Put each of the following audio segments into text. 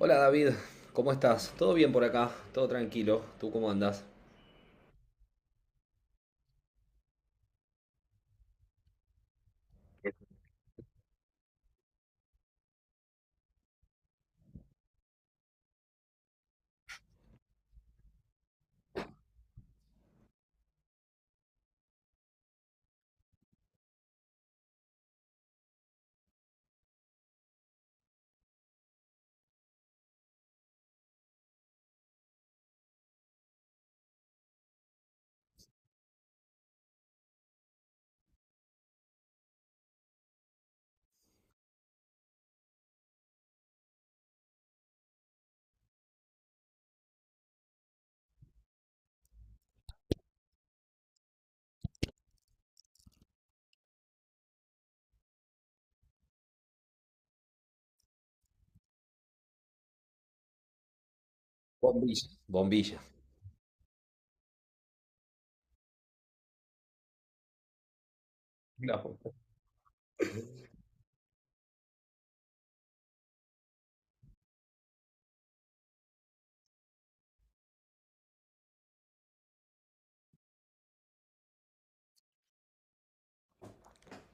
Hola David, ¿cómo estás? ¿Todo bien por acá? ¿Todo tranquilo? ¿Tú cómo andas? Bombilla. Bombilla. Claro.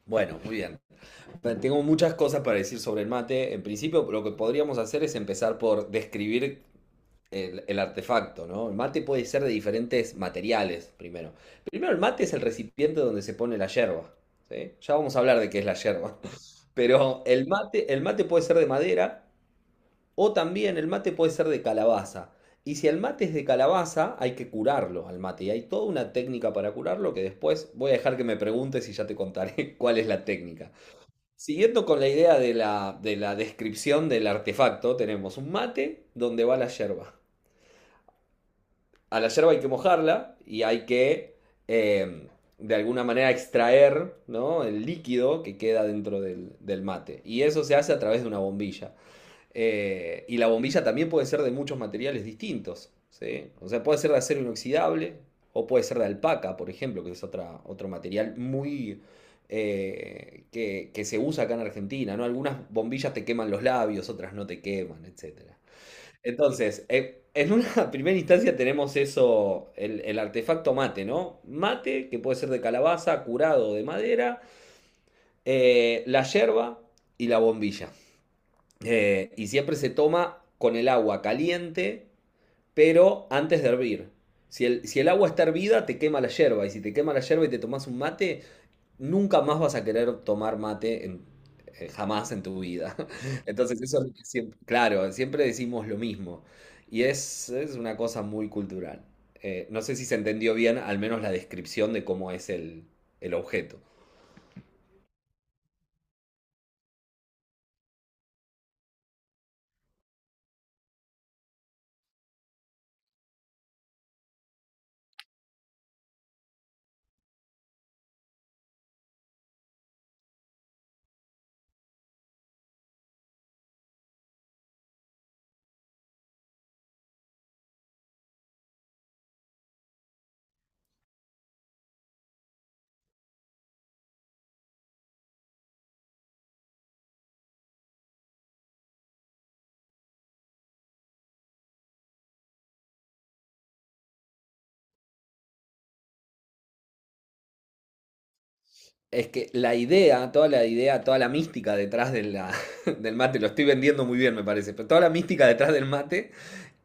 Bueno, muy bien. Tengo muchas cosas para decir sobre el mate. En principio, lo que podríamos hacer es empezar por describir el artefacto, ¿no? El mate puede ser de diferentes materiales, primero. Primero, el mate es el recipiente donde se pone la yerba, ¿sí? Ya vamos a hablar de qué es la yerba. Pero el mate puede ser de madera. O también el mate puede ser de calabaza. Y si el mate es de calabaza, hay que curarlo al mate. Y hay toda una técnica para curarlo que después voy a dejar que me preguntes y ya te contaré cuál es la técnica. Siguiendo con la idea de la descripción del artefacto, tenemos un mate donde va la yerba. A la yerba hay que mojarla y hay que eh, de alguna manera extraer, ¿no?, el líquido que queda dentro del mate. Y eso se hace a través de una bombilla. Y la bombilla también puede ser de muchos materiales distintos, ¿sí? O sea, puede ser de acero inoxidable o puede ser de alpaca, por ejemplo, que es otra, otro material muy que se usa acá en Argentina, ¿no? Algunas bombillas te queman los labios, otras no te queman, etcétera. Entonces, en una primera instancia tenemos eso, el artefacto mate, ¿no? Mate, que puede ser de calabaza, curado o de madera, la yerba y la bombilla. Y siempre se toma con el agua caliente, pero antes de hervir. Si el agua está hervida, te quema la yerba. Y si te quema la yerba y te tomas un mate, nunca más vas a querer tomar jamás en tu vida. Entonces, eso es lo que siempre, claro, siempre decimos lo mismo. Y es una cosa muy cultural. No sé si se entendió bien, al menos la descripción de cómo es el objeto. Es que la idea, toda la idea, toda la mística detrás de del mate, lo estoy vendiendo muy bien me parece, pero toda la mística detrás del mate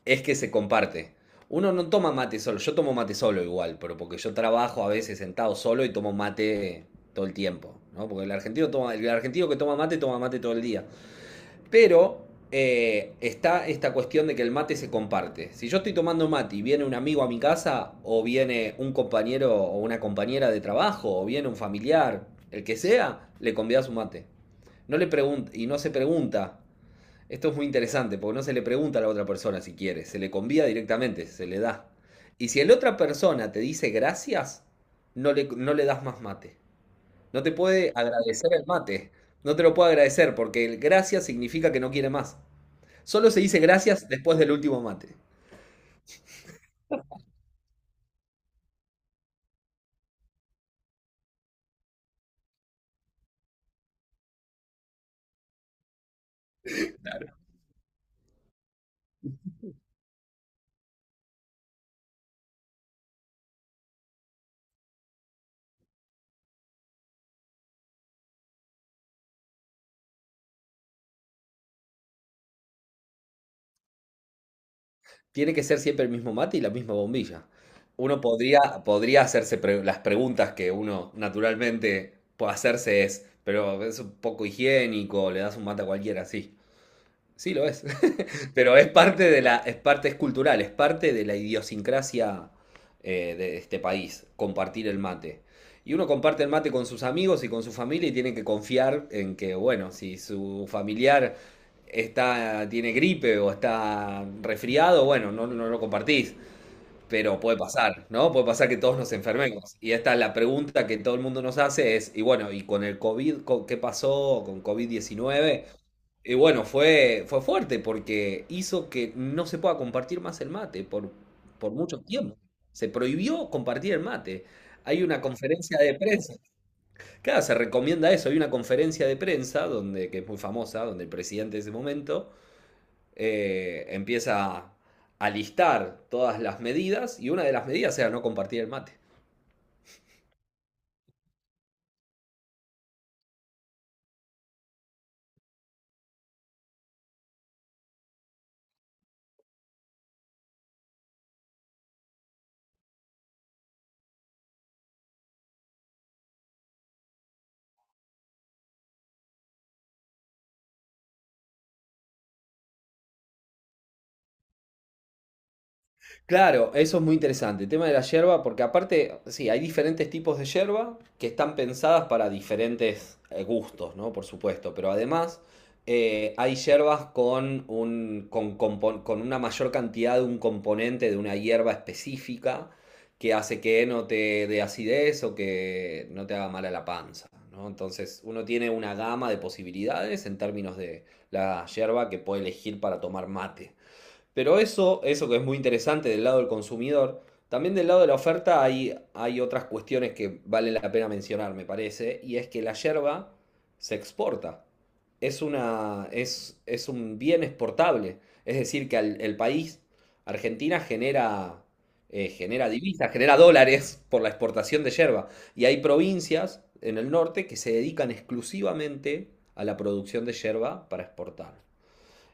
es que se comparte. Uno no toma mate solo, yo tomo mate solo igual, pero porque yo trabajo a veces sentado solo y tomo mate todo el tiempo, ¿no? Porque el argentino toma, el argentino que toma mate todo el día. Pero está esta cuestión de que el mate se comparte. Si yo estoy tomando mate y viene un amigo a mi casa, o viene un compañero o una compañera de trabajo, o viene un familiar, el que sea, le convidas un mate. No le pregunta y no se pregunta. Esto es muy interesante, porque no se le pregunta a la otra persona si quiere, se le convida directamente, se le da. Y si la otra persona te dice gracias, no le das más mate. No te puede agradecer el mate. No te lo puede agradecer porque el gracias significa que no quiere más. Solo se dice gracias después del último mate. Tiene que ser siempre el mismo mate y la misma bombilla. Uno podría, podría las preguntas que uno naturalmente puede hacerse es, pero es un poco higiénico, le das un mate a cualquiera, sí. Sí lo es. Pero es parte de la, es parte es cultural, es parte de la idiosincrasia de este país, compartir el mate. Y uno comparte el mate con sus amigos y con su familia y tiene que confiar en que, bueno, si su familiar está, tiene gripe o está resfriado, bueno, no, no lo compartís. Pero puede pasar, ¿no? Puede pasar que todos nos enfermemos. Y esta es la pregunta que todo el mundo nos hace es, y bueno, ¿y con el qué pasó con COVID-19? Y bueno, fue, fue fuerte porque hizo que no se pueda compartir más el mate por mucho tiempo. Se prohibió compartir el mate. Hay una conferencia de prensa. Claro, se recomienda eso. Hay una conferencia de prensa donde, que es muy famosa, donde el presidente de ese momento empieza a listar todas las medidas y una de las medidas era no compartir el mate. Claro, eso es muy interesante. El tema de la yerba, porque aparte, sí, hay diferentes tipos de yerba que están pensadas para diferentes gustos, ¿no? Por supuesto. Pero además, hay yerbas con con una mayor cantidad de un componente de una hierba específica que hace que no te dé acidez o que no te haga mal a la panza, ¿no? Entonces, uno tiene una gama de posibilidades en términos de la yerba que puede elegir para tomar mate. Pero eso que es muy interesante del lado del consumidor, también del lado de la oferta hay, hay otras cuestiones que vale la pena mencionar, me parece, y es que la yerba se exporta. Es, una, es un bien exportable. Es decir, que el país, Argentina, genera, genera divisas, genera dólares por la exportación de yerba. Y hay provincias en el norte que se dedican exclusivamente a la producción de yerba para exportar.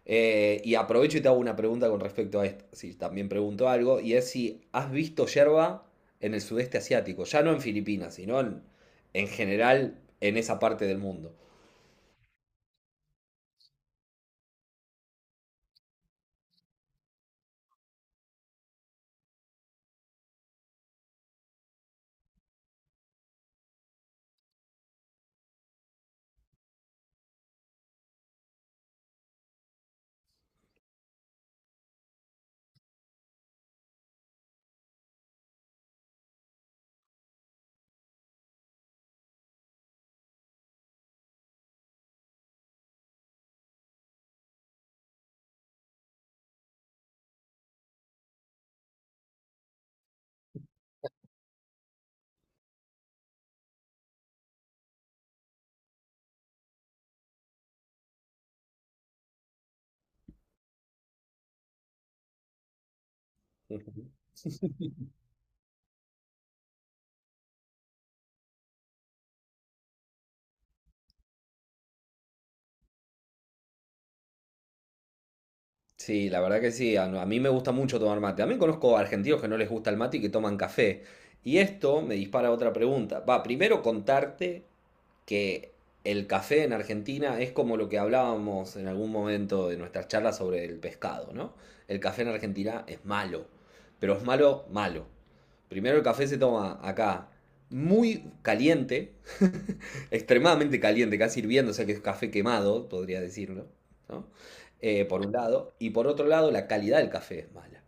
Y aprovecho y te hago una pregunta con respecto a esto, si también pregunto algo, y es si has visto yerba en el sudeste asiático, ya no en Filipinas, sino en general en esa parte del mundo. Sí, la verdad que sí. A mí me gusta mucho tomar mate. También conozco argentinos que no les gusta el mate y que toman café. Y esto me dispara otra pregunta. Va, primero contarte que el café en Argentina es como lo que hablábamos en algún momento de nuestras charlas sobre el pescado, ¿no? El café en Argentina es malo, pero es malo, malo. Primero el café se toma acá muy caliente, extremadamente caliente, casi hirviendo, o sea que es café quemado, podría decirlo, ¿no? Por un lado, y por otro lado, la calidad del café es mala.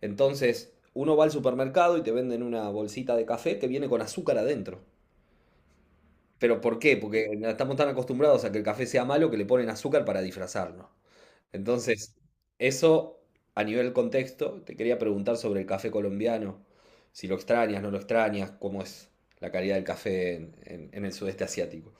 Entonces, uno va al supermercado y te venden una bolsita de café que viene con azúcar adentro. ¿Pero por qué? Porque no estamos tan acostumbrados a que el café sea malo que le ponen azúcar para disfrazarlo. Entonces, eso a nivel contexto, te quería preguntar sobre el café colombiano, si lo extrañas, no lo extrañas, cómo es la calidad del café en el sudeste asiático.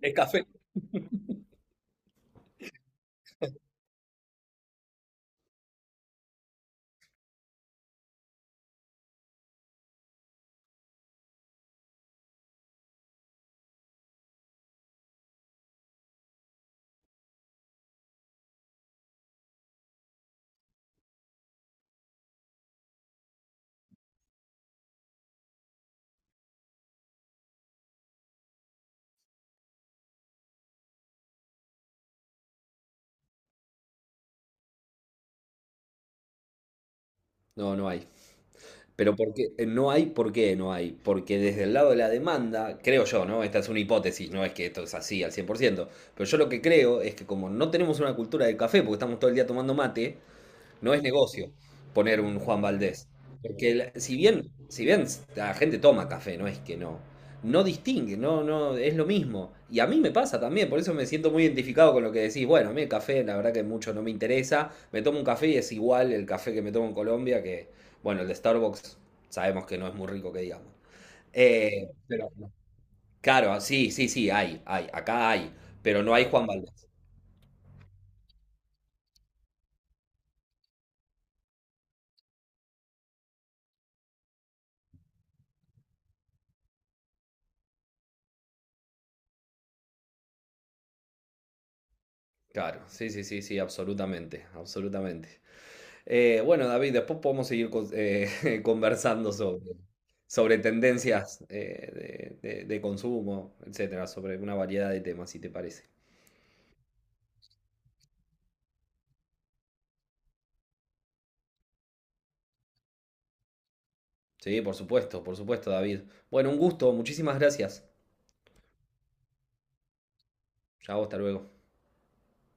¿Es café? No, no hay. Pero porque no hay, ¿por qué no hay? Porque desde el lado de la demanda, creo yo, ¿no? Esta es una hipótesis, no es que esto es así al 100%. Pero yo lo que creo es que como no tenemos una cultura del café, porque estamos todo el día tomando mate, no es negocio poner un Juan Valdés. Porque si bien, si bien la gente toma café, no es que no. No distingue, no, no, es lo mismo. Y a mí me pasa también, por eso me siento muy identificado con lo que decís. Bueno, a mí el café, la verdad que mucho no me interesa. Me tomo un café y es igual el café que me tomo en Colombia, que, bueno, el de Starbucks sabemos que no es muy rico que digamos. Pero, claro, sí, sí, sí, hay, acá hay, pero no hay Juan Valdez. Claro, sí, sí, sí, sí, absolutamente, absolutamente. Bueno, David, después podemos seguir conversando sobre, sobre tendencias de, de consumo, etcétera, sobre una variedad de temas, si te parece. Sí, por supuesto, David. Bueno, un gusto, muchísimas gracias. Chao, hasta luego.